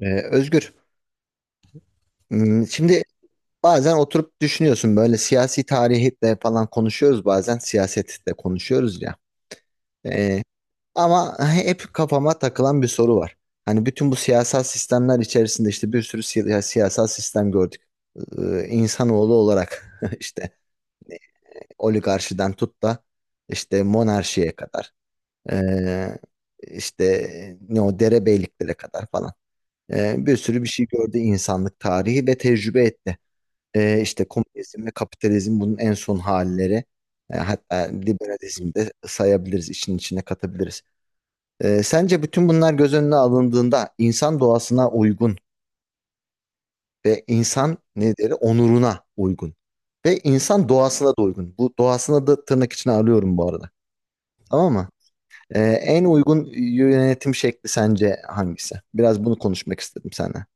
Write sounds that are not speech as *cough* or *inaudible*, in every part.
Özgür, şimdi bazen oturup düşünüyorsun böyle siyasi tarihle falan konuşuyoruz bazen siyasetle konuşuyoruz ya. Ee, ama hep kafama takılan bir soru var. Hani bütün bu siyasal sistemler içerisinde işte bir sürü siyasal sistem gördük. İnsanoğlu olarak *laughs* işte oligarşiden tut da işte monarşiye kadar ee, işte ne o derebeyliklere kadar falan. Bir sürü bir şey gördü insanlık tarihi ve tecrübe etti. İşte komünizm ve kapitalizm bunun en son halleri. Hatta liberalizm de sayabiliriz, işin içine katabiliriz. Sence bütün bunlar göz önüne alındığında insan doğasına uygun ve insan ne deri onuruna uygun ve insan doğasına da uygun. Bu doğasına da tırnak içine alıyorum bu arada. Tamam mı? En uygun yönetim şekli sence hangisi? Biraz bunu konuşmak istedim seninle.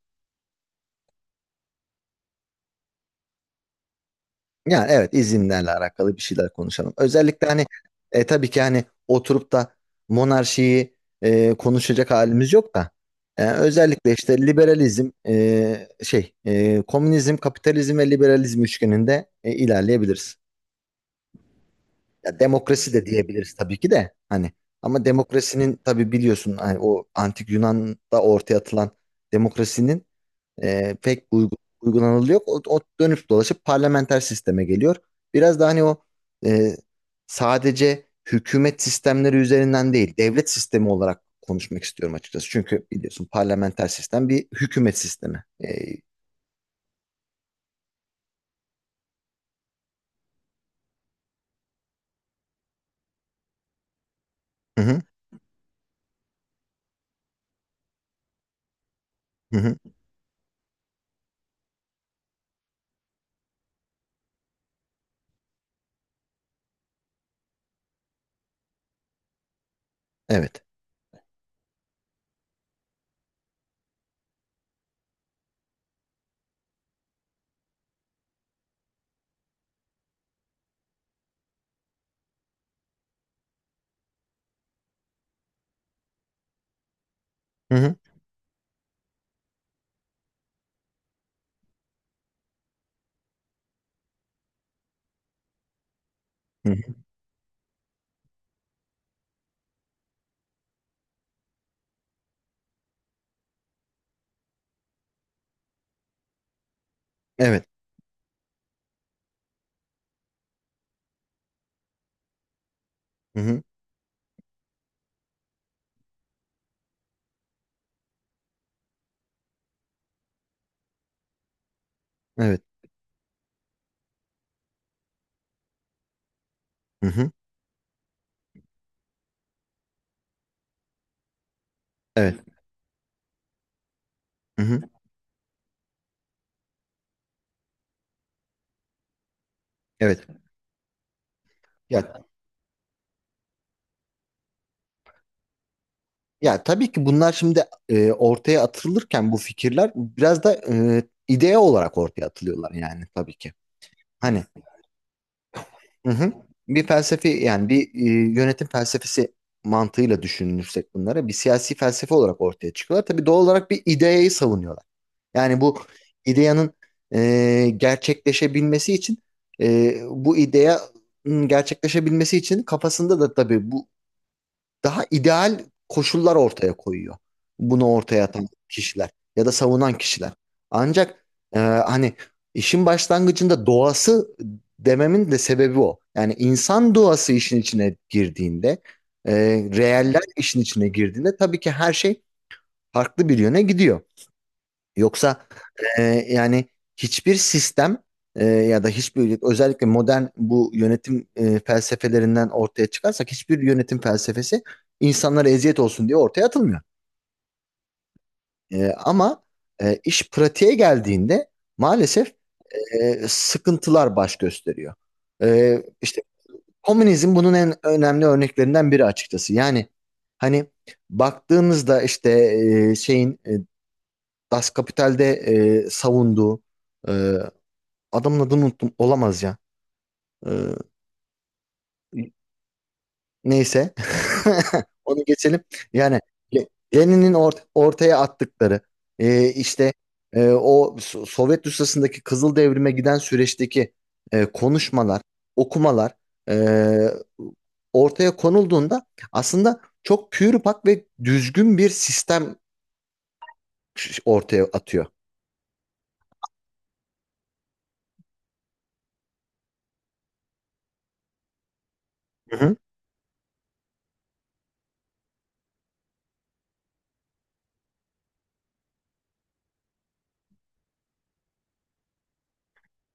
Yani evet izinlerle alakalı bir şeyler konuşalım. Özellikle hani tabii ki hani oturup da monarşiyi konuşacak halimiz yok da özellikle işte liberalizm komünizm, kapitalizm ve liberalizm üçgeninde ilerleyebiliriz. Ya demokrasi de diyebiliriz tabii ki de hani ama demokrasinin tabii biliyorsun hani o antik Yunan'da ortaya atılan demokrasinin uygulanılıyor. Yok. O dönüp dolaşıp parlamenter sisteme geliyor. Biraz daha hani o e, sadece hükümet sistemleri üzerinden değil, devlet sistemi olarak konuşmak istiyorum açıkçası. Çünkü biliyorsun parlamenter sistem bir hükümet sistemi. E, hı hı, hı hı, evet. Hı hı, hı hı, evet. Hı hı, evet. Hı hı, evet. Hı hı, evet. Ya Ya tabii ki bunlar şimdi ortaya atılırken bu fikirler biraz da idea olarak ortaya atılıyorlar yani tabii ki. Hani hı hı. Bir felsefi yani bir yönetim felsefesi mantığıyla düşünürsek bunlara bir siyasi felsefe olarak ortaya çıkıyorlar. Tabii doğal olarak bir ideayı savunuyorlar. Yani bu ideyanın e, gerçekleşebilmesi için bu ideyanın gerçekleşebilmesi için kafasında da tabii bu daha ideal koşullar ortaya koyuyor. Bunu ortaya atan kişiler ya da savunan kişiler. Ancak hani işin başlangıcında doğası dememin de sebebi o. Yani insan doğası işin içine girdiğinde, e, reeller işin içine girdiğinde tabii ki her şey farklı bir yöne gidiyor. Yoksa ee, yani hiçbir sistem ya da hiçbir özellikle modern bu yönetim felsefelerinden ortaya çıkarsak hiçbir yönetim felsefesi insanlara eziyet olsun diye ortaya atılmıyor. E, ama iş pratiğe geldiğinde maalesef sıkıntılar baş gösteriyor. İşte komünizm bunun en önemli örneklerinden biri açıkçası. Yani hani baktığımızda işte e, şeyin e, Das Kapital'de savunduğu e, adamın adını unuttum. Olamaz ya. Ee, neyse. *laughs* Onu geçelim. Yani Le- Lenin'in ortaya attıkları e, işte o Sovyet Rusyası'ndaki Kızıl Devrim'e giden süreçteki konuşmalar, okumalar e, ortaya konulduğunda aslında çok pür pak ve düzgün bir sistem ortaya atıyor. Hı hı.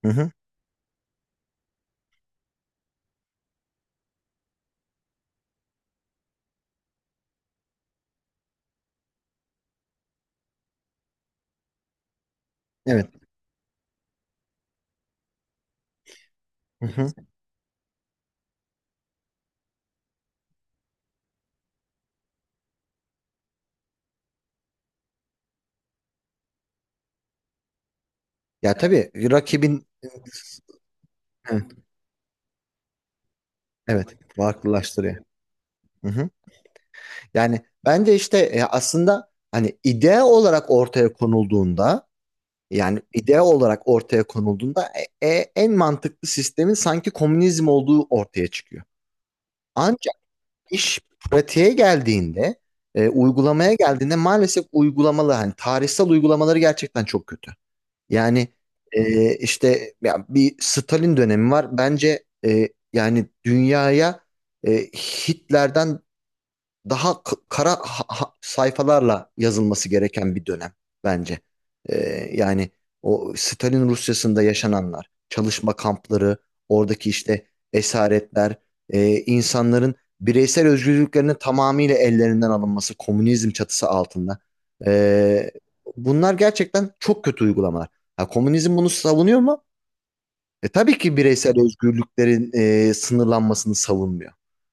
Hı hı. Evet. Hı hı. Ya tabii rakibin evet, evet farklılaştırıyor. Hı hı. Yani bence işte aslında hani idea olarak ortaya konulduğunda yani idea olarak ortaya konulduğunda en mantıklı sistemin sanki komünizm olduğu ortaya çıkıyor. Ancak iş pratiğe geldiğinde uygulamaya geldiğinde maalesef uygulamalı hani tarihsel uygulamaları gerçekten çok kötü. Yani işte ya bir Stalin dönemi var. Bence yani dünyaya Hitler'den daha kara sayfalarla yazılması gereken bir dönem bence. Ee, yani o Stalin Rusyası'nda yaşananlar, çalışma kampları, oradaki işte esaretler, insanların bireysel özgürlüklerinin tamamıyla ellerinden alınması, komünizm çatısı altında. Ee, bunlar gerçekten çok kötü uygulamalar. Ha, komünizm bunu savunuyor mu? Tabii ki bireysel özgürlüklerin sınırlanmasını savunmuyor.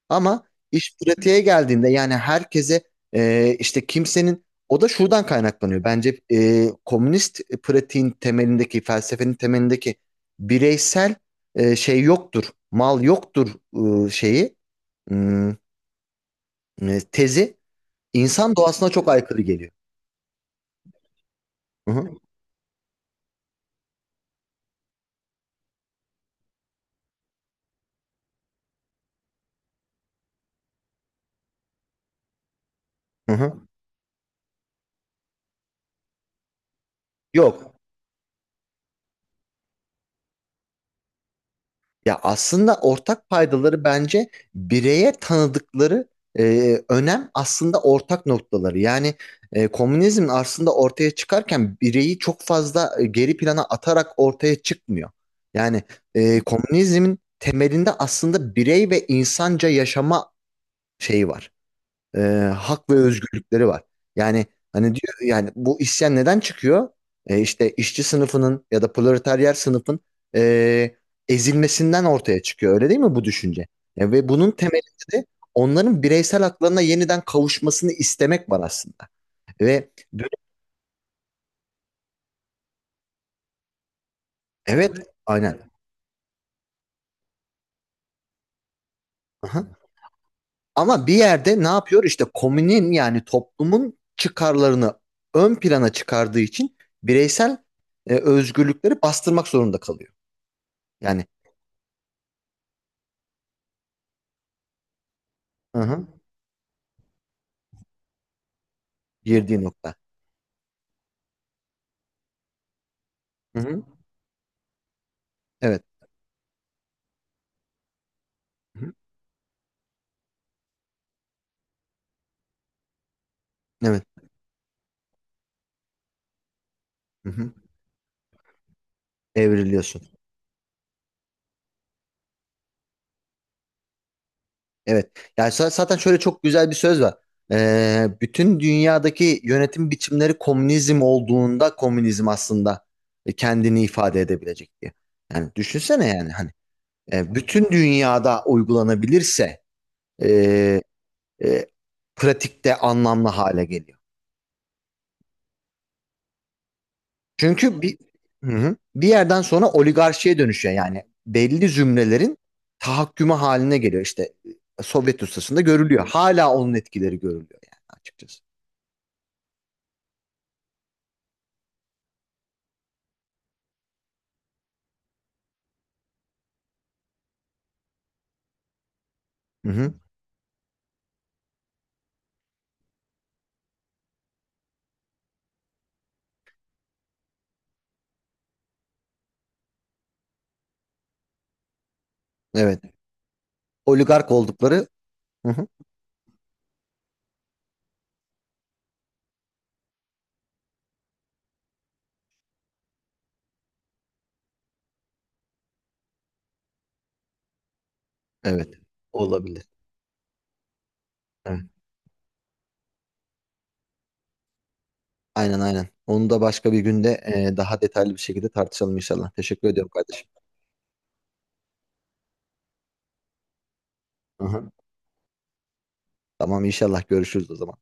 Ama iş pratiğe geldiğinde yani herkese işte kimsenin o da şuradan kaynaklanıyor. Bence komünist pratiğin temelindeki felsefenin temelindeki bireysel şey yoktur, mal yoktur e, şeyi hmm, tezi insan doğasına çok aykırı geliyor. Hı hı, hı hı. Yok. Ya aslında ortak paydaları bence bireye tanıdıkları önem aslında ortak noktaları. Yani komünizm aslında ortaya çıkarken bireyi çok fazla geri plana atarak ortaya çıkmıyor. Yani komünizmin temelinde aslında birey ve insanca yaşama şeyi var e, hak ve özgürlükleri var. Yani hani diyor yani bu isyan neden çıkıyor? İşte işçi sınıfının ya da proletaryer sınıfın e, ezilmesinden ortaya çıkıyor. Öyle değil mi bu düşünce? Ve bunun temelinde de onların bireysel haklarına yeniden kavuşmasını istemek var aslında. Ve evet aynen. Aha. Ama bir yerde ne yapıyor? İşte komünün yani toplumun çıkarlarını ön plana çıkardığı için bireysel özgürlükleri bastırmak zorunda kalıyor. Yani hı hı. Girdiği nokta. Hı hı. Evet. Hı hı. Evet. Hı hı. Evriliyorsun. Evet. Yani zaten şöyle çok güzel bir söz var. Bütün dünyadaki yönetim biçimleri komünizm olduğunda komünizm aslında kendini ifade edebilecek diye. Yani düşünsene yani hani bütün dünyada uygulanabilirse e, e, pratikte anlamlı hale geliyor. Çünkü bir hı hı. Bir yerden sonra oligarşiye dönüşüyor yani belli zümrelerin tahakkümü haline geliyor işte Sovyet ustasında görülüyor. Hala onun etkileri görülüyor yani açıkçası. Hı hı. Evet. Oligark oldukları hı hı. Evet. Olabilir. Evet. Aynen aynen. Onu da başka bir günde daha detaylı bir şekilde tartışalım inşallah. Teşekkür ediyorum kardeşim. Hı hı. Tamam inşallah görüşürüz o zaman.